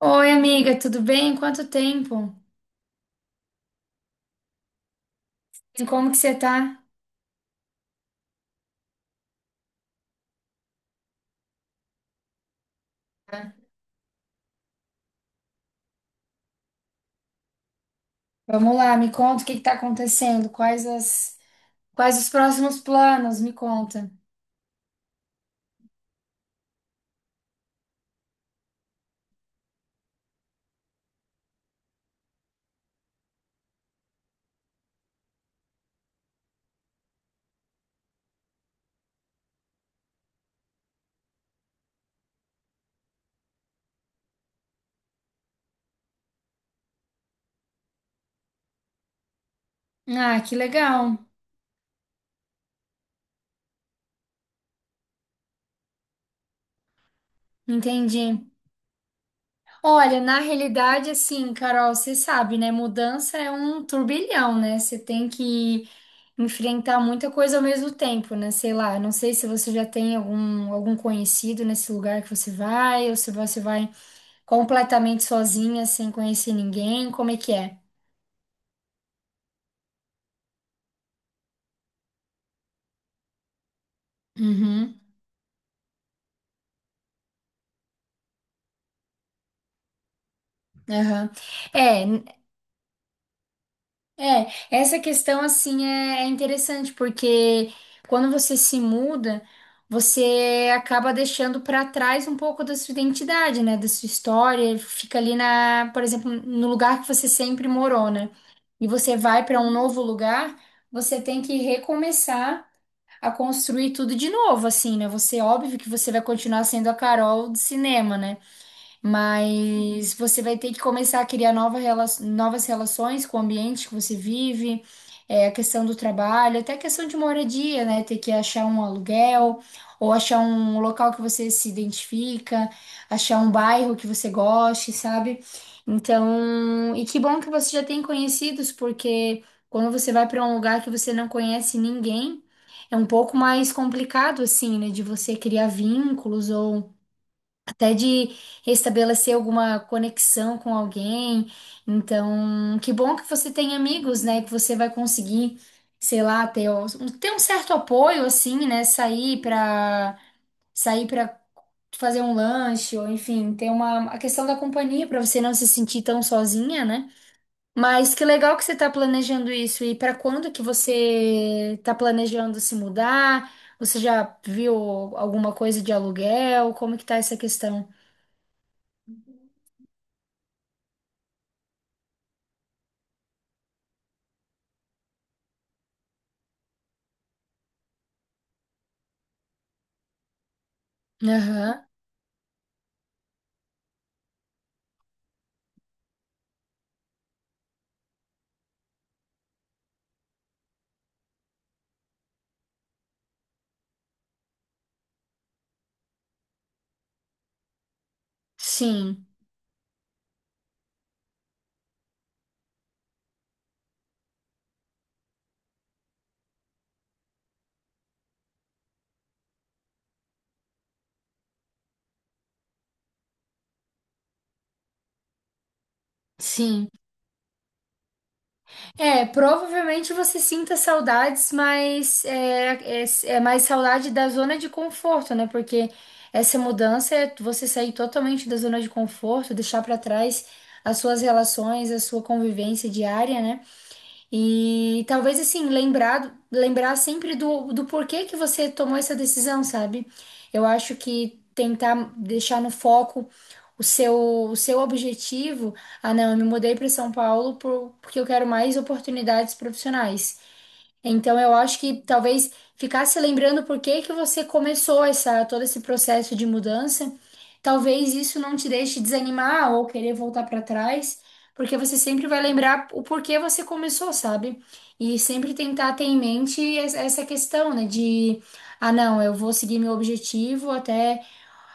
Oi, amiga, tudo bem? Quanto tempo? E como que você tá? Vamos lá, me conta o que que tá acontecendo, quais os próximos planos, me conta. Ah, que legal. Entendi. Olha, na realidade, assim, Carol, você sabe, né? Mudança é um turbilhão, né? Você tem que enfrentar muita coisa ao mesmo tempo, né? Sei lá, não sei se você já tem algum conhecido nesse lugar que você vai, ou se você vai completamente sozinha, sem conhecer ninguém, como é que é? Uhum, aham. É, n- é, essa questão assim é interessante, porque quando você se muda, você acaba deixando para trás um pouco da sua identidade, né? Da sua história, fica ali na, por exemplo, no lugar que você sempre morou, né? E você vai para um novo lugar, você tem que recomeçar a construir tudo de novo, assim, né? Você, óbvio que você vai continuar sendo a Carol do cinema, né? Mas você vai ter que começar a criar novas relações com o ambiente que você vive, é, a questão do trabalho, até a questão de moradia, né? Ter que achar um aluguel, ou achar um local que você se identifica, achar um bairro que você goste, sabe? Então, e que bom que você já tem conhecidos, porque quando você vai para um lugar que você não conhece ninguém, é um pouco mais complicado, assim, né? De você criar vínculos ou até de restabelecer alguma conexão com alguém. Então, que bom que você tem amigos, né? Que você vai conseguir, sei lá, ter um certo apoio, assim, né? Sair pra fazer um lanche, ou enfim, a questão da companhia pra você não se sentir tão sozinha, né? Mas que legal que você tá planejando isso. E pra quando que você tá planejando se mudar? Você já viu alguma coisa de aluguel? Como que tá essa questão? Aham. Sim, sim. É, provavelmente você sinta saudades, mas é mais saudade da zona de conforto, né? Porque essa mudança é você sair totalmente da zona de conforto, deixar pra trás as suas relações, a sua convivência diária, né? E talvez assim, lembrar sempre do porquê que você tomou essa decisão, sabe? Eu acho que tentar deixar no foco o seu, o seu objetivo. Ah, não, eu me mudei para São Paulo porque eu quero mais oportunidades profissionais. Então, eu acho que talvez ficar se lembrando por que que você começou essa, todo esse processo de mudança, talvez isso não te deixe desanimar ou querer voltar para trás, porque você sempre vai lembrar o porquê você começou, sabe? E sempre tentar ter em mente essa questão, né, de, ah, não, eu vou seguir meu objetivo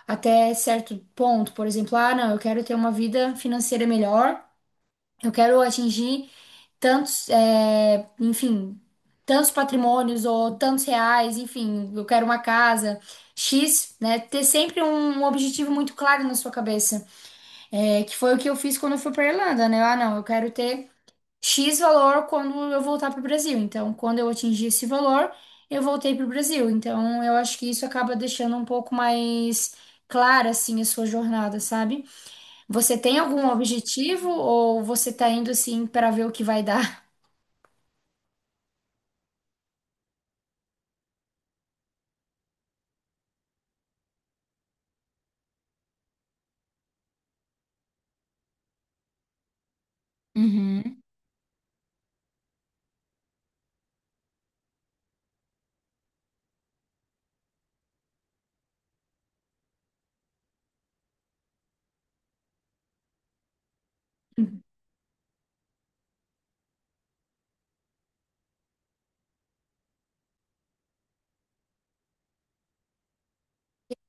até certo ponto, por exemplo, ah, não, eu quero ter uma vida financeira melhor. Eu quero atingir tantos, é, enfim, tantos patrimônios ou tantos reais, enfim, eu quero uma casa, X, né? Ter sempre um objetivo muito claro na sua cabeça, é, que foi o que eu fiz quando eu fui para Irlanda, né? Ah, não, eu quero ter X valor quando eu voltar para o Brasil. Então, quando eu atingir esse valor, eu voltei para o Brasil. Então, eu acho que isso acaba deixando um pouco mais clara, assim, a sua jornada, sabe? Você tem algum objetivo ou você tá indo assim para ver o que vai dar? Uhum.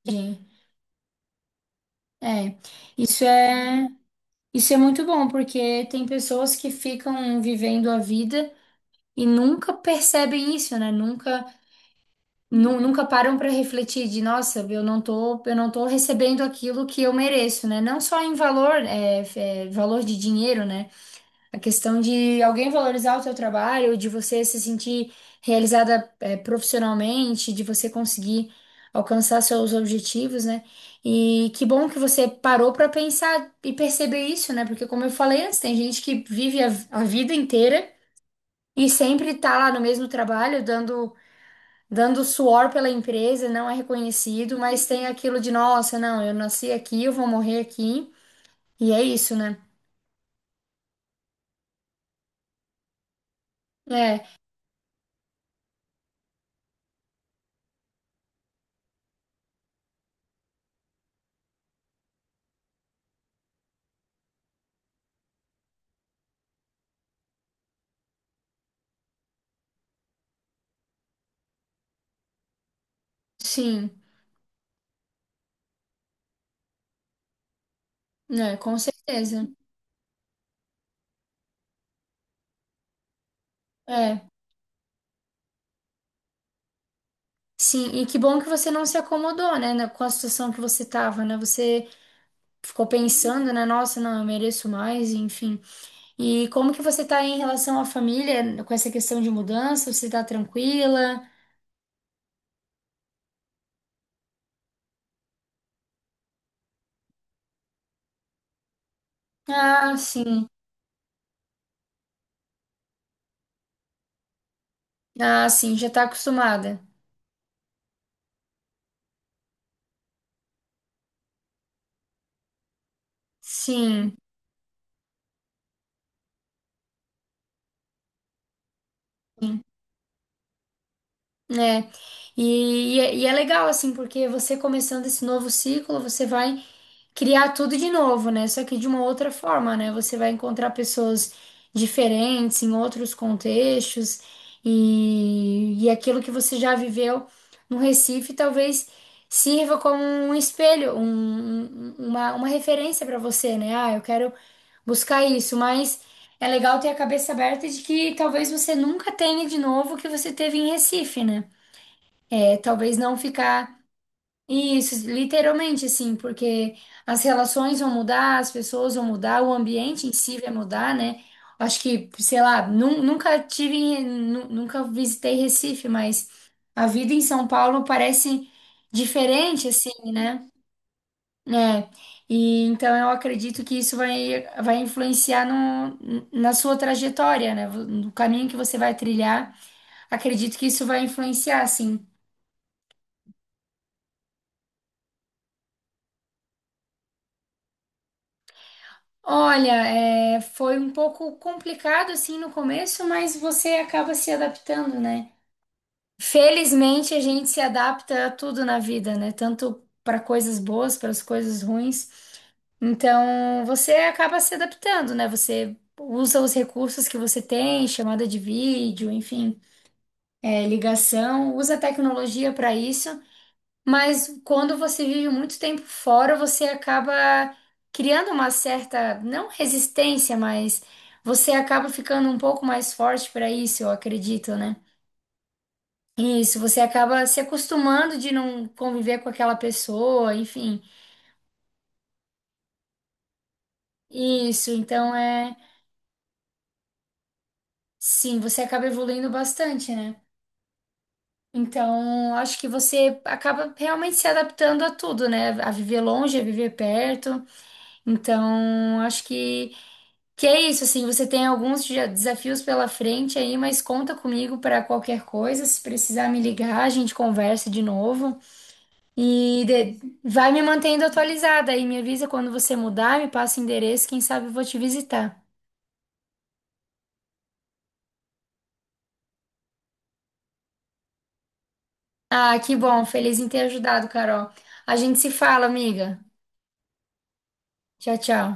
Entendi. É, isso isso é muito bom, porque tem pessoas que ficam vivendo a vida e nunca percebem isso, né? Nunca param para refletir de, nossa, eu não tô recebendo aquilo que eu mereço, né? Não só em valor, valor de dinheiro, né? A questão de alguém valorizar o seu trabalho, de você se sentir realizada, profissionalmente, de você conseguir alcançar seus objetivos, né? E que bom que você parou para pensar e perceber isso, né? Porque, como eu falei antes, tem gente que vive a vida inteira e sempre tá lá no mesmo trabalho, dando suor pela empresa, não é reconhecido, mas tem aquilo de, nossa, não, eu nasci aqui, eu vou morrer aqui. E é isso, né? É, sim, né? Com certeza. É, sim, e que bom que você não se acomodou, né, com a situação que você tava, né? Você ficou pensando, né, nossa, não, eu mereço mais, enfim. E como que você tá aí em relação à família, com essa questão de mudança? Você tá tranquila? Ah, sim. Ah, sim, já tá acostumada. Sim, sim, né? E e é legal, assim, porque você começando esse novo ciclo, você vai criar tudo de novo, né? Só que de uma outra forma, né? Você vai encontrar pessoas diferentes em outros contextos e aquilo que você já viveu no Recife talvez sirva como um espelho, uma referência para você, né? Ah, eu quero buscar isso, mas é legal ter a cabeça aberta de que talvez você nunca tenha de novo o que você teve em Recife, né? É, talvez não ficar isso, literalmente assim, porque as relações vão mudar, as pessoas vão mudar, o ambiente em si vai mudar, né? Acho que, sei lá, nunca tive, nunca visitei Recife, mas a vida em São Paulo parece diferente, assim, né? É, e então eu acredito que isso vai influenciar no, na sua trajetória, né? No caminho que você vai trilhar, acredito que isso vai influenciar, sim. Olha, é, foi um pouco complicado assim no começo, mas você acaba se adaptando, né? Felizmente a gente se adapta a tudo na vida, né? Tanto para coisas boas, para as coisas ruins. Então você acaba se adaptando, né? Você usa os recursos que você tem, chamada de vídeo, enfim, é, ligação, usa a tecnologia para isso. Mas quando você vive muito tempo fora, você acaba criando uma certa, não resistência, mas você acaba ficando um pouco mais forte para isso, eu acredito, né? Isso, você acaba se acostumando de não conviver com aquela pessoa, enfim. Isso, então é, sim, você acaba evoluindo bastante, né? Então, acho que você acaba realmente se adaptando a tudo, né? A viver longe, a viver perto. Então, acho que é isso, assim, você tem desafios pela frente aí, mas conta comigo para qualquer coisa. Se precisar me ligar, a gente conversa de novo. E de- vai me mantendo atualizada aí, me avisa quando você mudar, me passa o endereço, quem sabe eu vou te visitar. Ah, que bom, feliz em ter ajudado, Carol. A gente se fala, amiga. Tchau, tchau.